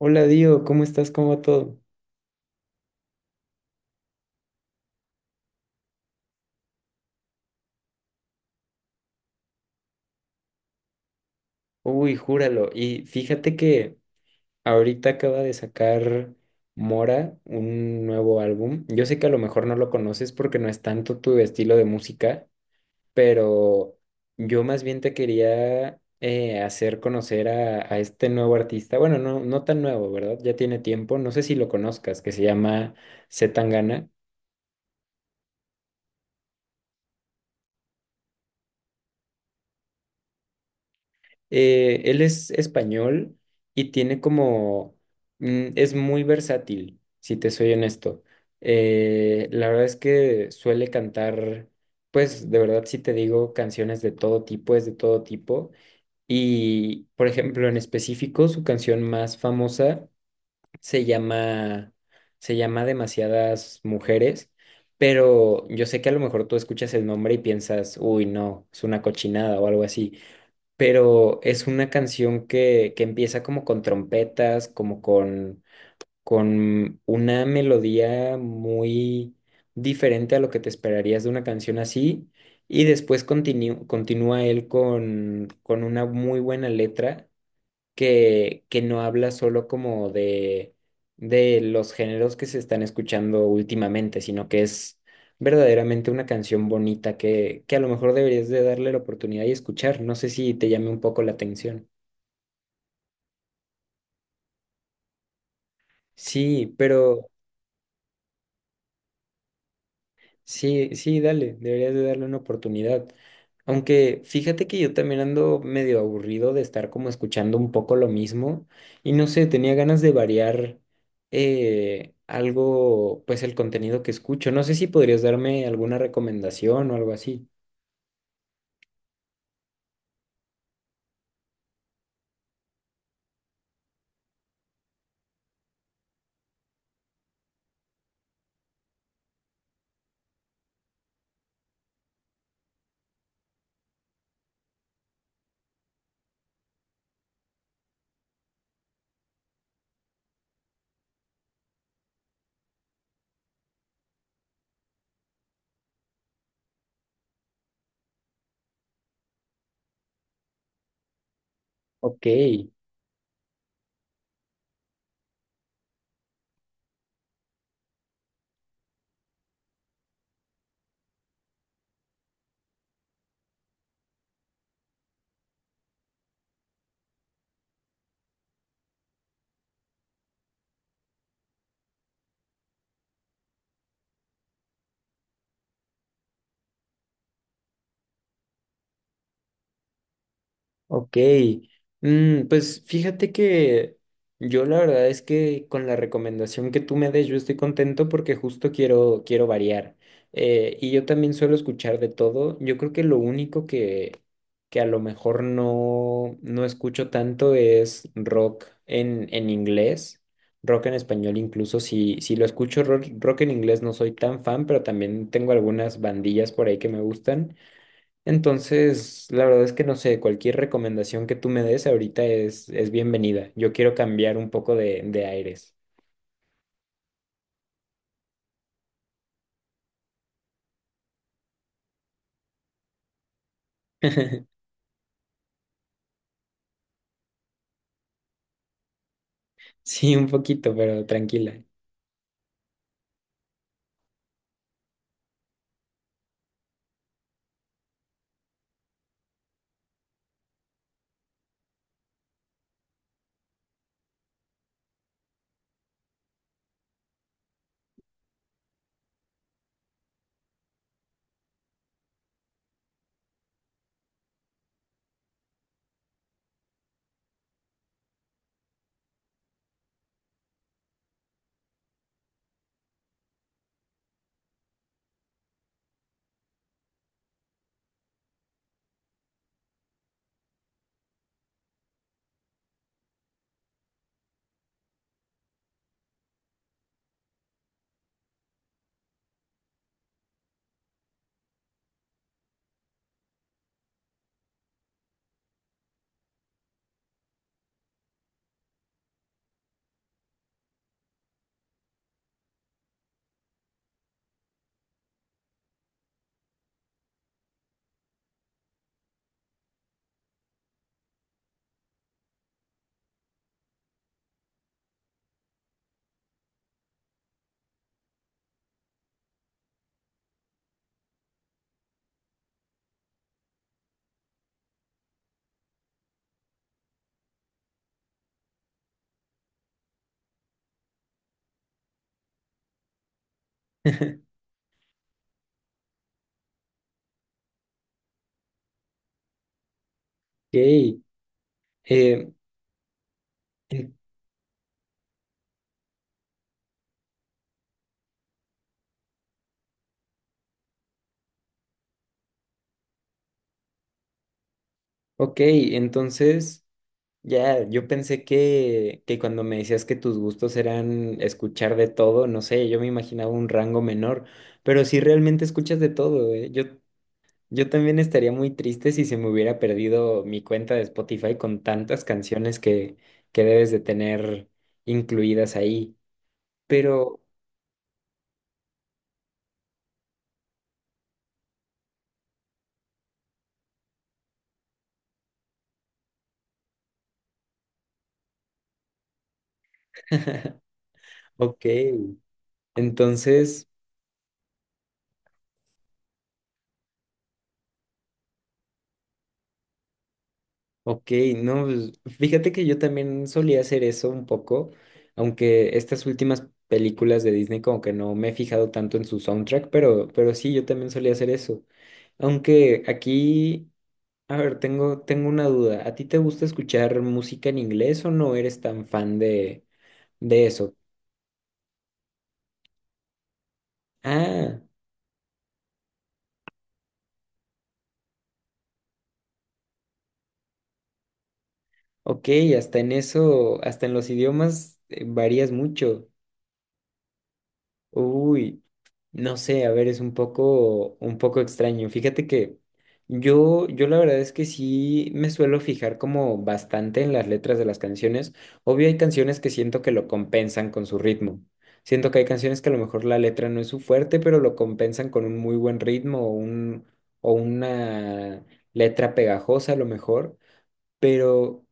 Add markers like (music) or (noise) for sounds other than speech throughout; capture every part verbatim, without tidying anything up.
Hola Dio, ¿cómo estás? ¿Cómo va todo? Uy, júralo. Y fíjate que ahorita acaba de sacar Mora un nuevo álbum. Yo sé que a lo mejor no lo conoces porque no es tanto tu estilo de música, pero yo más bien te quería eh, hacer conocer a, a este nuevo artista. Bueno, no, no tan nuevo, ¿verdad? Ya tiene tiempo. No sé si lo conozcas, que se llama C. Tangana. Eh, él es español y tiene como, mm, es muy versátil, si te soy honesto. Eh, la verdad es que suele cantar, pues de verdad si te digo, canciones de todo tipo, es de todo tipo. Y, por ejemplo, en específico, su canción más famosa se llama, se llama Demasiadas Mujeres, pero yo sé que a lo mejor tú escuchas el nombre y piensas, uy, no, es una cochinada o algo así, pero es una canción que, que empieza como con trompetas, como con, con una melodía muy diferente a lo que te esperarías de una canción así, y después continu- continúa él con, con una muy buena letra que, que no habla solo como de, de los géneros que se están escuchando últimamente, sino que es verdaderamente una canción bonita que, que a lo mejor deberías de darle la oportunidad y escuchar. No sé si te llame un poco la atención. Sí, pero... Sí, sí, dale, deberías de darle una oportunidad. Aunque fíjate que yo también ando medio aburrido de estar como escuchando un poco lo mismo y no sé, tenía ganas de variar eh, algo, pues el contenido que escucho. No sé si podrías darme alguna recomendación o algo así. Ok. Ok, mm, pues fíjate que yo la verdad es que con la recomendación que tú me des yo estoy contento porque justo quiero, quiero variar. Eh, y yo también suelo escuchar de todo. Yo creo que lo único que, que a lo mejor no, no escucho tanto es rock en, en inglés, rock en español incluso. Si, si lo escucho rock, rock en inglés no soy tan fan, pero también tengo algunas bandillas por ahí que me gustan. Entonces, la verdad es que no sé, cualquier recomendación que tú me des ahorita es, es bienvenida. Yo quiero cambiar un poco de, de aires. (laughs) Sí, un poquito, pero tranquila. (laughs) Ok, eh, en- ok, entonces ya, yo pensé que, que cuando me decías que tus gustos eran escuchar de todo, no sé, yo me imaginaba un rango menor, pero sí realmente escuchas de todo, ¿eh? Yo Yo también estaría muy triste si se me hubiera perdido mi cuenta de Spotify con tantas canciones que, que debes de tener incluidas ahí. Pero, (laughs) ok, entonces, ok, no, pues, fíjate que yo también solía hacer eso un poco, aunque estas últimas películas de Disney como que no me he fijado tanto en su soundtrack, pero, pero sí, yo también solía hacer eso. Aunque aquí... A ver, tengo, tengo una duda. ¿A ti te gusta escuchar música en inglés o no eres tan fan de, de eso? Ah, ok, hasta en eso, hasta en los idiomas eh, varías mucho. Uy, no sé, a ver, es un poco, un poco extraño. Fíjate que yo, yo la verdad es que sí me suelo fijar como bastante en las letras de las canciones. Obvio hay canciones que siento que lo compensan con su ritmo. Siento que hay canciones que a lo mejor la letra no es su fuerte, pero lo compensan con un muy buen ritmo o un, o una letra pegajosa a lo mejor. Pero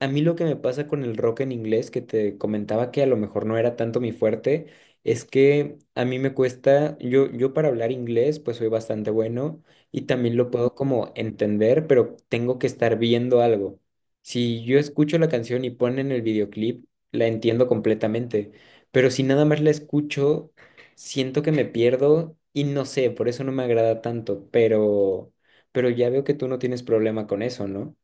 a mí lo que me pasa con el rock en inglés, que te comentaba que a lo mejor no era tanto mi fuerte, es que a mí me cuesta, yo, yo para hablar inglés pues soy bastante bueno y también lo puedo como entender, pero tengo que estar viendo algo. Si yo escucho la canción y ponen el videoclip, la entiendo completamente, pero si nada más la escucho, siento que me pierdo y no sé, por eso no me agrada tanto, pero, pero ya veo que tú no tienes problema con eso, ¿no?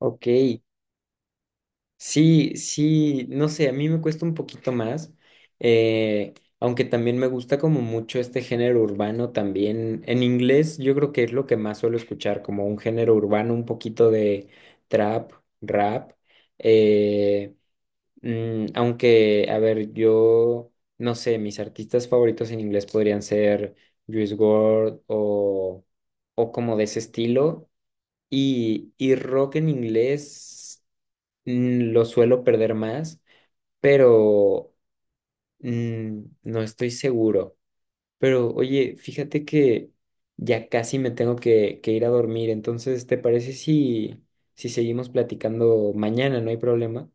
Ok, sí, sí, no sé, a mí me cuesta un poquito más, eh, aunque también me gusta como mucho este género urbano también. En inglés yo creo que es lo que más suelo escuchar, como un género urbano, un poquito de trap, rap. eh, mm, aunque, a ver, yo no sé, mis artistas favoritos en inglés podrían ser Juice world o, o como de ese estilo. Y, y rock en inglés mm, lo suelo perder más, pero mm, no estoy seguro. Pero oye, fíjate que ya casi me tengo que, que ir a dormir, entonces, ¿te parece si, si seguimos platicando mañana? No hay problema.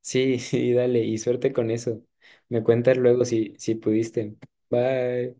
Sí, (laughs) sí, dale, y suerte con eso. Me cuentas luego si, si pudiste. Bye.